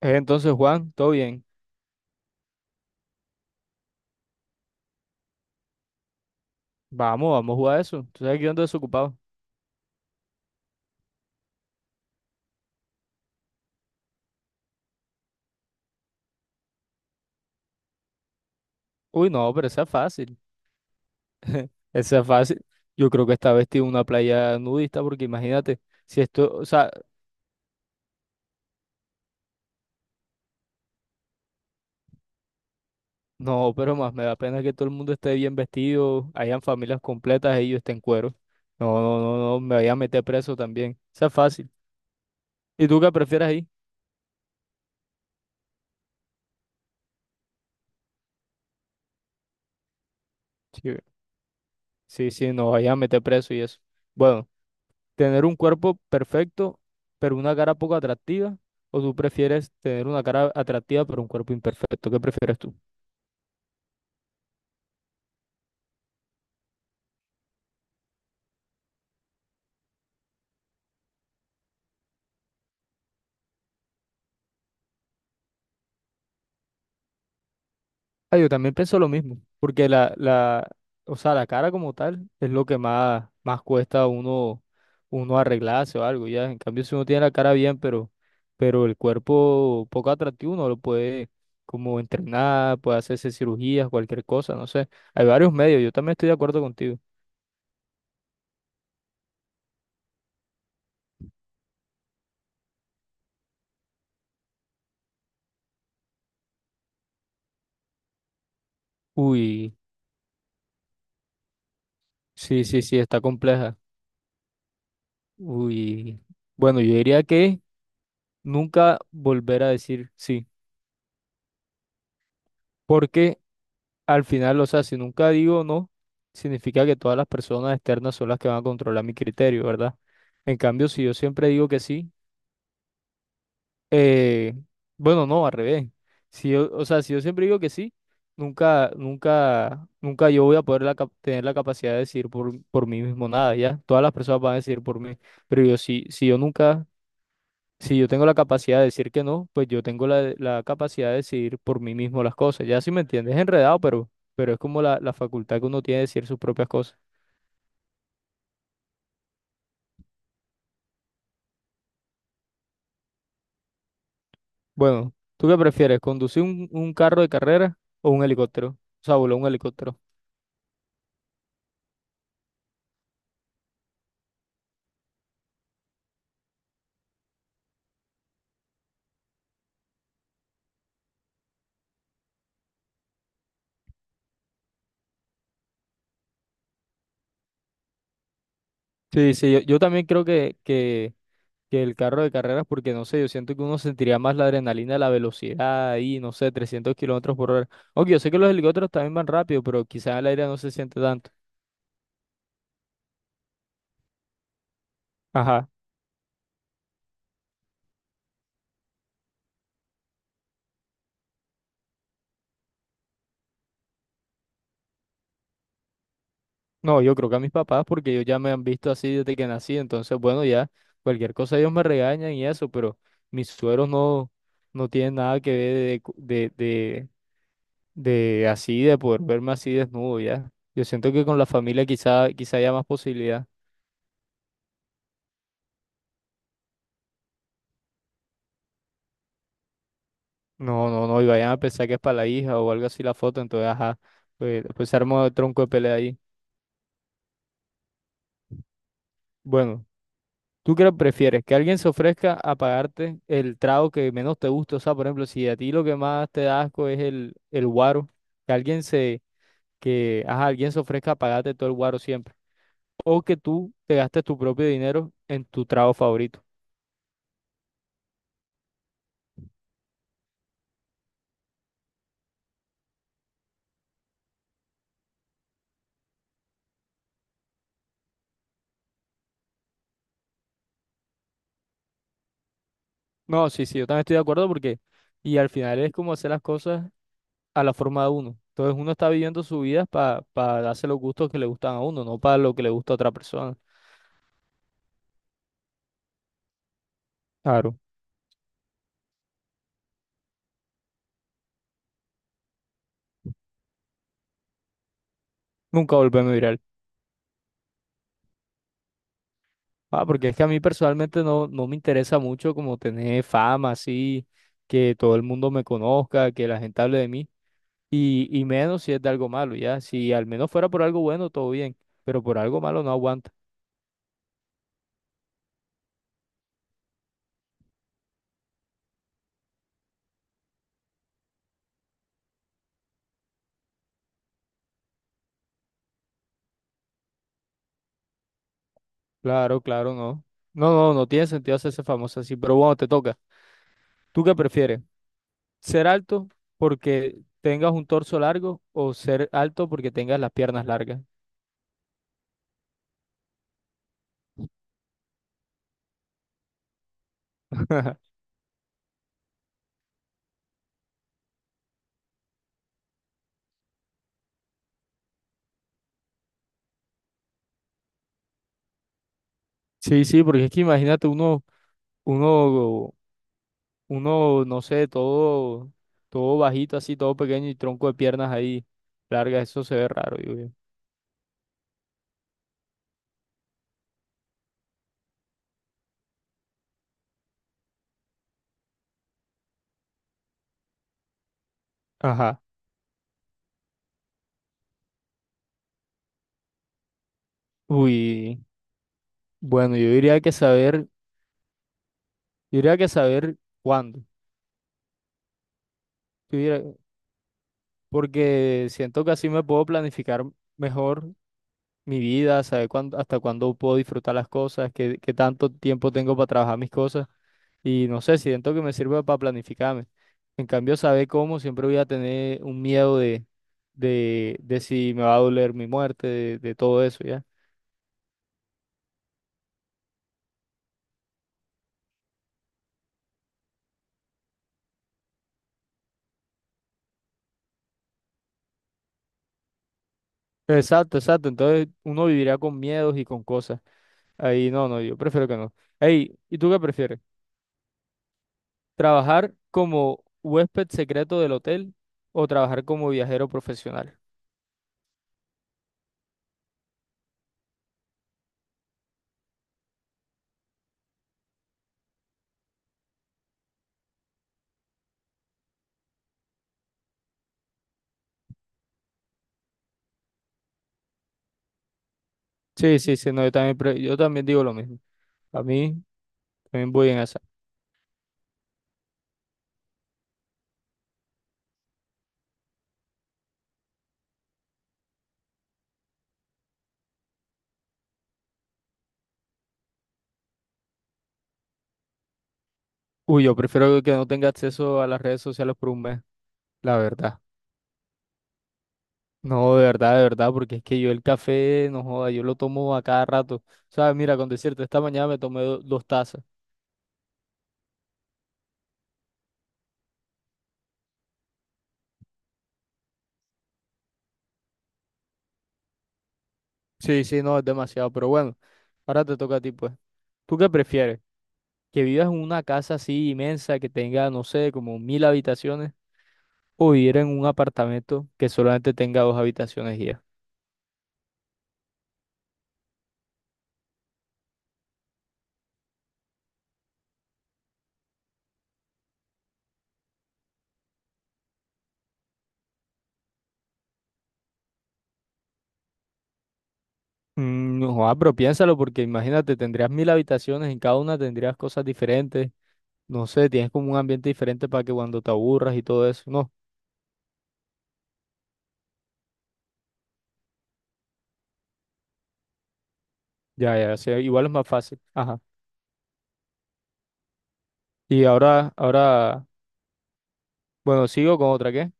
Entonces, Juan, todo bien. Vamos a jugar eso. Tú sabes que yo ando desocupado. Uy, no, pero esa es fácil. Esa es fácil. Yo creo que esta vez tiene una playa nudista, porque imagínate, si esto, o sea, no, pero más me da pena que todo el mundo esté bien vestido, hayan familias completas y yo esté en cuero. No, no, no, no, me vaya a meter preso también. Esa es fácil. ¿Y tú qué prefieres ahí? Sí, sí, sí, nos vayan a meter preso y eso. Bueno, tener un cuerpo perfecto, pero una cara poco atractiva, o tú prefieres tener una cara atractiva, pero un cuerpo imperfecto. ¿Qué prefieres tú? Ah, yo también pienso lo mismo, porque o sea, la cara como tal es lo que más, más cuesta a uno, uno arreglarse o algo, ya. En cambio, si uno tiene la cara bien, pero el cuerpo poco atractivo, uno lo puede como entrenar, puede hacerse cirugías, cualquier cosa, no sé. Hay varios medios, yo también estoy de acuerdo contigo. Uy, sí, sí, sí, está compleja. Uy, bueno, yo diría que nunca volver a decir sí, porque al final, o sea, si nunca digo no, significa que todas las personas externas son las que van a controlar mi criterio, ¿verdad? En cambio, si yo siempre digo que sí, eh, bueno, no, al revés. Si yo, o sea, si yo siempre digo que sí, nunca, nunca, nunca yo voy a poder la tener la capacidad de decir por mí mismo nada, ¿ya? Todas las personas van a decir por mí, pero yo sí, si yo nunca Si yo tengo la capacidad de decir que no, pues yo tengo la capacidad de decidir por mí mismo las cosas. Ya si me entiendes, es enredado, pero es como la facultad que uno tiene de decir sus propias cosas. Bueno, ¿tú qué prefieres? ¿Conducir un carro de carrera o un helicóptero? O sea, volar un helicóptero. Sí, sí, yo también creo que el carro de carreras, porque no sé, yo siento que uno sentiría más la adrenalina, la velocidad ahí, no sé, 300 kilómetros por hora. Aunque yo sé que los helicópteros también van rápido, pero quizás el aire no se siente tanto. Ajá. No, yo creo que a mis papás, porque ellos ya me han visto así desde que nací, entonces bueno, ya cualquier cosa ellos me regañan y eso, pero mis sueros no, no tienen nada que ver de así, de poder verme así desnudo ya. Yo siento que con la familia quizá, quizá haya más posibilidad. No, no, no, y vayan a pensar que es para la hija o algo así la foto, entonces ajá, pues se arma el tronco de pelea ahí. Bueno, ¿tú qué prefieres? ¿Que alguien se ofrezca a pagarte el trago que menos te gusta? O sea, por ejemplo, si a ti lo que más te da asco es el guaro, que alguien se, que, ajá, alguien se ofrezca a pagarte todo el guaro siempre. O que tú te gastes tu propio dinero en tu trago favorito. No, sí, sí, yo también estoy de acuerdo porque, y al final es como hacer las cosas a la forma de uno. Entonces uno está viviendo su vida para darse los gustos que le gustan a uno, no para lo que le gusta a otra persona. Claro, nunca volvemos a ir a Ah, porque es que a mí personalmente no, no me interesa mucho como tener fama así, que todo el mundo me conozca, que la gente hable de mí, y menos si es de algo malo, ya. Si al menos fuera por algo bueno, todo bien, pero por algo malo no aguanta. Claro, claro, no. No, no, no tiene sentido hacerse famoso así, pero bueno, te toca. ¿Tú qué prefieres? ¿Ser alto porque tengas un torso largo o ser alto porque tengas las piernas largas? Sí, sí, porque es que imagínate uno Uno, no sé, todo, todo bajito, así, todo pequeño y tronco de piernas ahí largas, eso se ve raro, digo yo. Ajá. Uy, bueno, yo diría que saber cuándo. Yo diría- Porque siento que así me puedo planificar mejor mi vida, saber cuándo, hasta cuándo puedo disfrutar las cosas, qué tanto tiempo tengo para trabajar mis cosas. Y no sé, siento que me sirve para planificarme. En cambio, saber cómo, siempre voy a tener un miedo de si me va a doler mi muerte, de todo eso, ¿ya? Exacto, exacto. Entonces uno vivirá con miedos y con cosas. Ahí no, no, yo prefiero que no. Ey, ¿y tú qué prefieres? ¿Trabajar como huésped secreto del hotel o trabajar como viajero profesional? Sí, sí, sí, no, yo también digo lo mismo. A mí también voy en esa. Uy, yo prefiero que no tenga acceso a las redes sociales por un mes, la verdad. No, de verdad, porque es que yo el café, no joda, yo lo tomo a cada rato. ¿Sabes? Mira, con decirte, esta mañana me tomé dos tazas. Sí, sí, no, es demasiado, pero bueno, ahora te toca a ti, pues. ¿Tú qué prefieres? ¿Que vivas en una casa así inmensa que tenga, no sé, como 1.000 habitaciones? ¿O vivir en un apartamento que solamente tenga dos habitaciones y ya? Mm, no, joda, pero piénsalo porque imagínate, tendrías 1.000 habitaciones, en cada una tendrías cosas diferentes. No sé, tienes como un ambiente diferente para que cuando te aburras y todo eso. No, ya, ya, sí, igual es más fácil. Ajá. Y ahora, ahora, bueno, sigo con otra, ¿qué?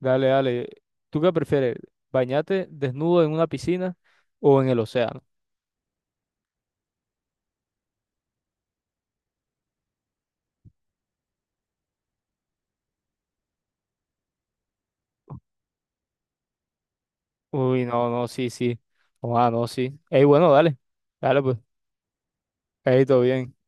Dale, dale. ¿Tú qué prefieres? ¿Bañarte desnudo en una piscina o en el océano? Uy, no, no, sí, sí. Ah, no, sí. Ey, bueno, dale. Dale, pues. Ey, todo bien.